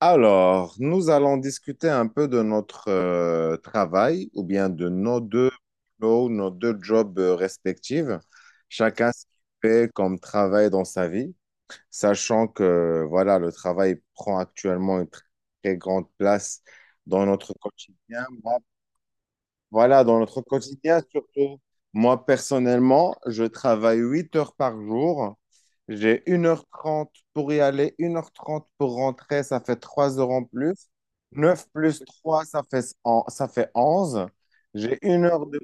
Alors, nous allons discuter un peu de notre travail ou bien de nos deux boulots, nos deux jobs respectifs. Chacun ce qu'il fait comme travail dans sa vie, sachant que voilà, le travail prend actuellement une très, très grande place dans notre quotidien. Voilà, dans notre quotidien, surtout, moi personnellement, je travaille 8 heures par jour. J'ai 1 heure 30 pour y aller, 1 heure 30 pour rentrer, ça fait 3 heures en plus. Neuf plus 3 ça fait, ça fait onze. J'ai une heure de...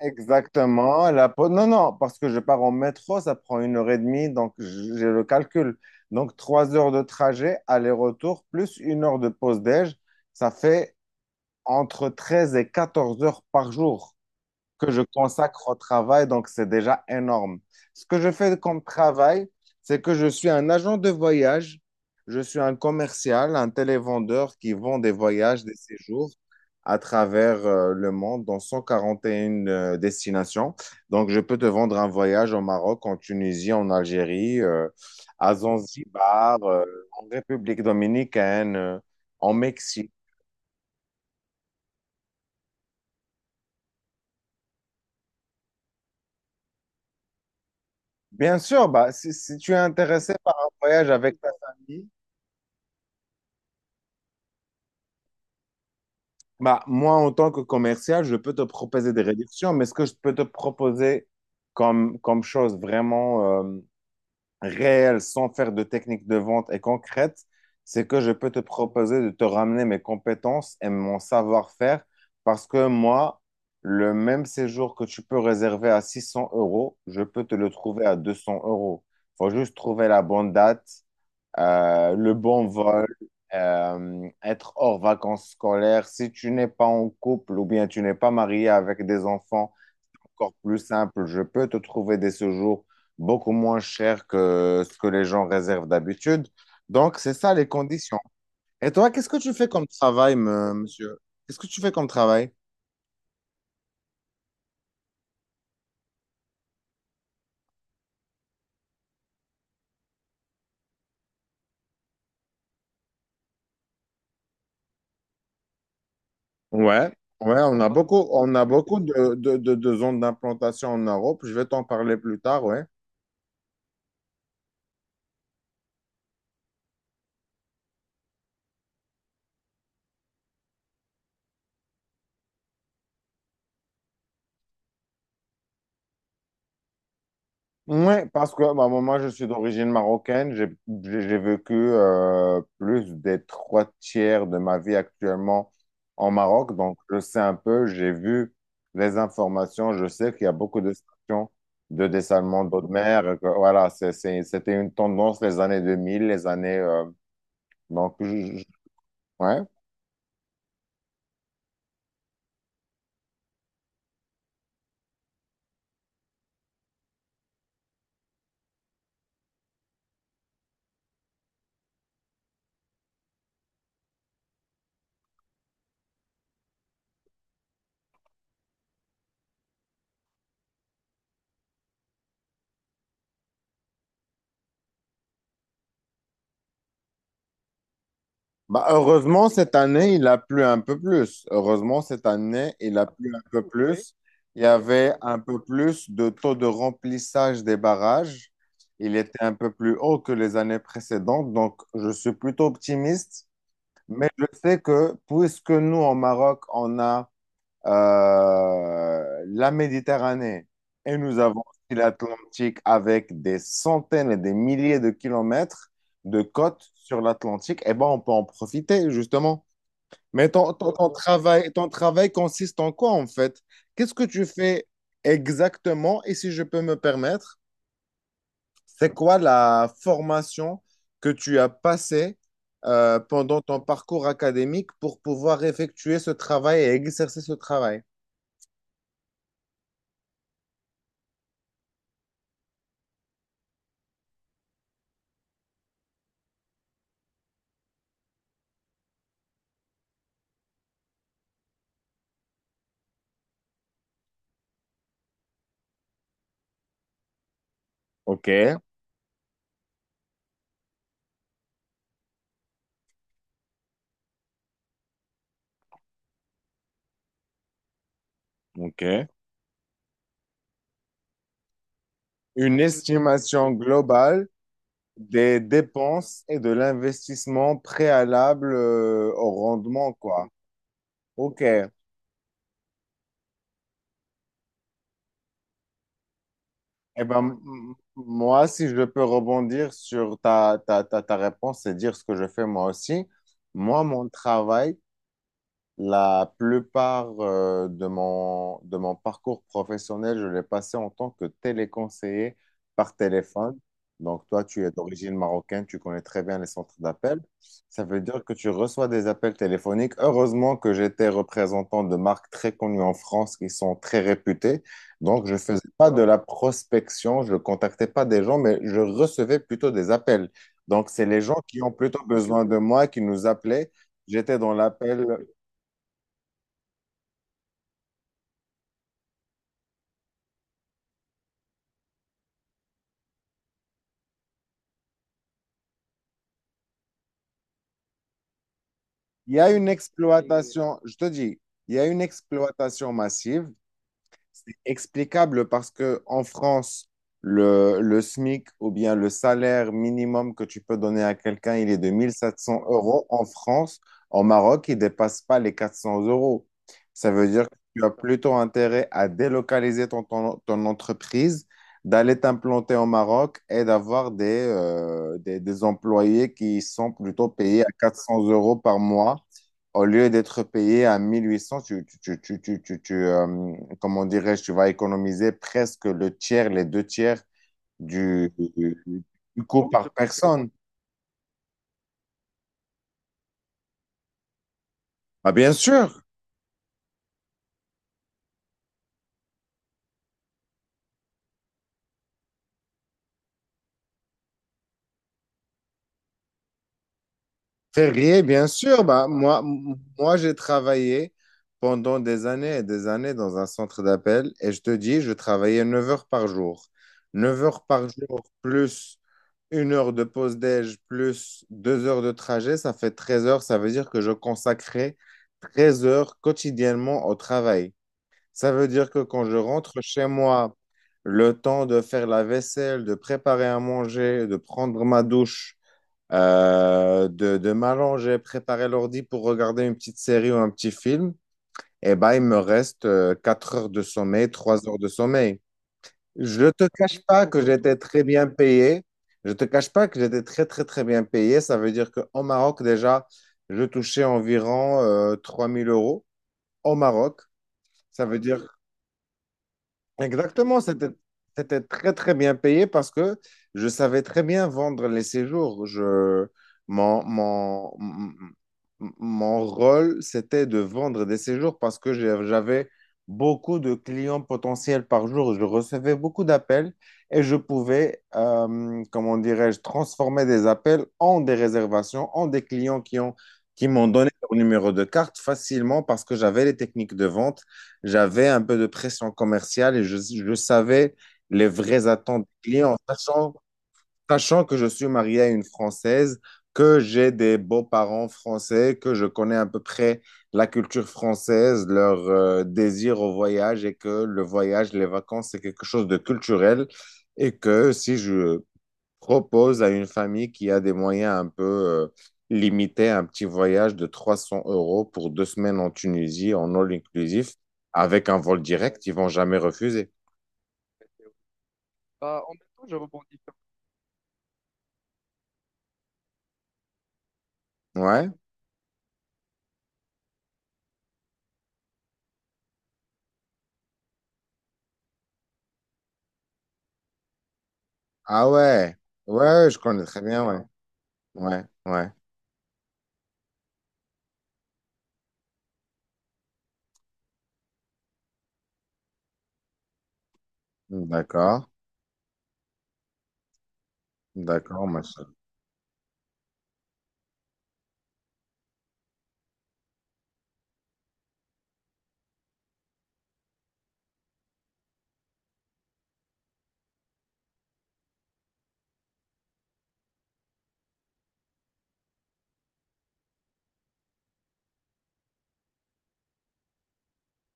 Exactement. Non, non, parce que je pars en métro, ça prend 1 heure et demie, donc j'ai le calcul. Donc 3 heures de trajet, aller-retour, plus 1 heure de pause déj, ça fait entre 13 et 14 heures par jour que je consacre au travail, donc c'est déjà énorme. Ce que je fais comme travail, c'est que je suis un agent de voyage, je suis un commercial, un télévendeur qui vend des voyages, des séjours à travers le monde dans 141 destinations. Donc, je peux te vendre un voyage au Maroc, en Tunisie, en Algérie, à Zanzibar, en République dominicaine, en Mexique. Bien sûr, bah, si tu es intéressé par un voyage avec ta famille. Bah, moi, en tant que commercial, je peux te proposer des réductions, mais ce que je peux te proposer comme, comme chose vraiment réelle, sans faire de technique de vente et concrète, c'est que je peux te proposer de te ramener mes compétences et mon savoir-faire, parce que moi, le même séjour que tu peux réserver à 600 euros, je peux te le trouver à 200 euros. Faut juste trouver la bonne date, le bon vol, être hors vacances scolaires. Si tu n'es pas en couple ou bien tu n'es pas marié avec des enfants, encore plus simple, je peux te trouver des séjours beaucoup moins chers que ce que les gens réservent d'habitude. Donc, c'est ça les conditions. Et toi, qu'est-ce que tu fais comme travail, monsieur? Qu'est-ce que tu fais comme travail? Ouais, ouais, on a beaucoup de zones d'implantation en Europe. Je vais t'en parler plus tard, ouais. Oui, parce que bah, moi, je suis d'origine marocaine. J'ai vécu plus des trois tiers de ma vie actuellement en Maroc. Donc, je sais un peu, j'ai vu les informations. Je sais qu'il y a beaucoup de stations de dessalement d'eau de mer, et que, voilà, c'était une tendance les années 2000, les années. Donc, je- je- ouais. Bah, heureusement, cette année, il a plu un peu plus. Heureusement, cette année, il a plu un peu plus. Il y avait un peu plus de taux de remplissage des barrages. Il était un peu plus haut que les années précédentes, donc je suis plutôt optimiste. Mais je sais que puisque nous, en Maroc, on a la Méditerranée, et nous avons aussi l'Atlantique avec des centaines et des milliers de kilomètres de côtes sur l'Atlantique, eh ben, on peut en profiter, justement. Mais ton travail consiste en quoi, en fait? Qu'est-ce que tu fais exactement? Et si je peux me permettre, c'est quoi la formation que tu as passée pendant ton parcours académique pour pouvoir effectuer ce travail et exercer ce travail? OK. OK. Une estimation globale des dépenses et de l'investissement préalable au rendement, quoi. OK. Eh ben, moi, si je peux rebondir sur ta, ta réponse et dire ce que je fais moi aussi, moi, mon travail, la plupart de mon parcours professionnel, je l'ai passé en tant que téléconseiller par téléphone. Donc, toi, tu es d'origine marocaine, tu connais très bien les centres d'appel. Ça veut dire que tu reçois des appels téléphoniques. Heureusement que j'étais représentant de marques très connues en France qui sont très réputées. Donc, je ne faisais pas de la prospection, je ne contactais pas des gens, mais je recevais plutôt des appels. Donc, c'est les gens qui ont plutôt besoin de moi qui nous appelaient. J'étais dans l'appel. Il y a une exploitation, je te dis, il y a une exploitation massive. C'est explicable parce que en France, le SMIC ou bien le salaire minimum que tu peux donner à quelqu'un, il est de 1 700 euros. En France, en Maroc, il ne dépasse pas les 400 euros. Ça veut dire que tu as plutôt intérêt à délocaliser ton, ton entreprise, d'aller t'implanter au Maroc et d'avoir des, des employés qui sont plutôt payés à 400 euros par mois au lieu d'être payé à 1800, tu, comment dirais-je, tu vas économiser presque le tiers, les deux tiers du, du, du coût par personne. Ah, bien sûr. Férié, bien sûr. Bah, moi j'ai travaillé pendant des années et des années dans un centre d'appel et je te dis, je travaillais 9 heures par jour. 9 heures par jour plus 1 heure de pause déj plus 2 heures de trajet, ça fait 13 heures. Ça veut dire que je consacrais 13 heures quotidiennement au travail. Ça veut dire que quand je rentre chez moi, le temps de faire la vaisselle, de préparer à manger, de prendre ma douche, de m'allonger, préparer l'ordi pour regarder une petite série ou un petit film, eh ben, il me reste 4 heures de sommeil, 3 heures de sommeil. Je ne te cache pas que j'étais très bien payé. Je ne te cache pas que j'étais très, très, très bien payé. Ça veut dire qu'au Maroc, déjà, je touchais environ 3 000 euros au Maroc. Ça veut dire exactement, c'était, c'était très très bien payé parce que je savais très bien vendre les séjours. Je, mon, mon, m- mon rôle, c'était de vendre des séjours parce que j'avais beaucoup de clients potentiels par jour. Je recevais beaucoup d'appels et je pouvais, comment dirais-je, transformer des appels en des réservations, en des clients qui ont, qui m'ont donné leur numéro de carte facilement parce que j'avais les techniques de vente, j'avais un peu de pression commerciale et je savais les vraies attentes des clients, sachant que je suis marié à une Française, que j'ai des beaux-parents français, que je connais à peu près la culture française, leur désir au voyage, et que le voyage, les vacances, c'est quelque chose de culturel, et que si je propose à une famille qui a des moyens un peu limités un petit voyage de 300 euros pour 2 semaines en Tunisie, en all inclusif, avec un vol direct, ils vont jamais refuser. Ouais? Ah ouais. Ouais, je connais très bien, ouais. Ouais, ouais. D'accord. D'accord, machin.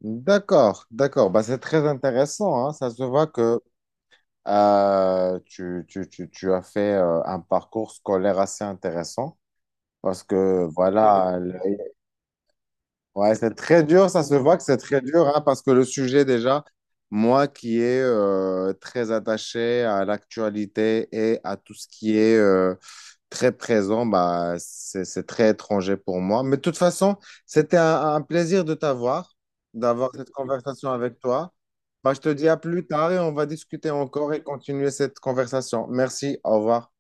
D'accord, d'accord. Bah, c'est très intéressant, hein. Ça se voit que tu as fait un parcours scolaire assez intéressant, parce que voilà, ouais, c'est très dur, ça se voit que c'est très dur, hein, parce que le sujet déjà, moi qui est très attaché à l'actualité et à tout ce qui est très présent, bah, c'est très étranger pour moi. Mais de toute façon, c'était un plaisir de t'avoir, d'avoir cette conversation avec toi. Bah, je te dis à plus tard et on va discuter encore et continuer cette conversation. Merci, au revoir.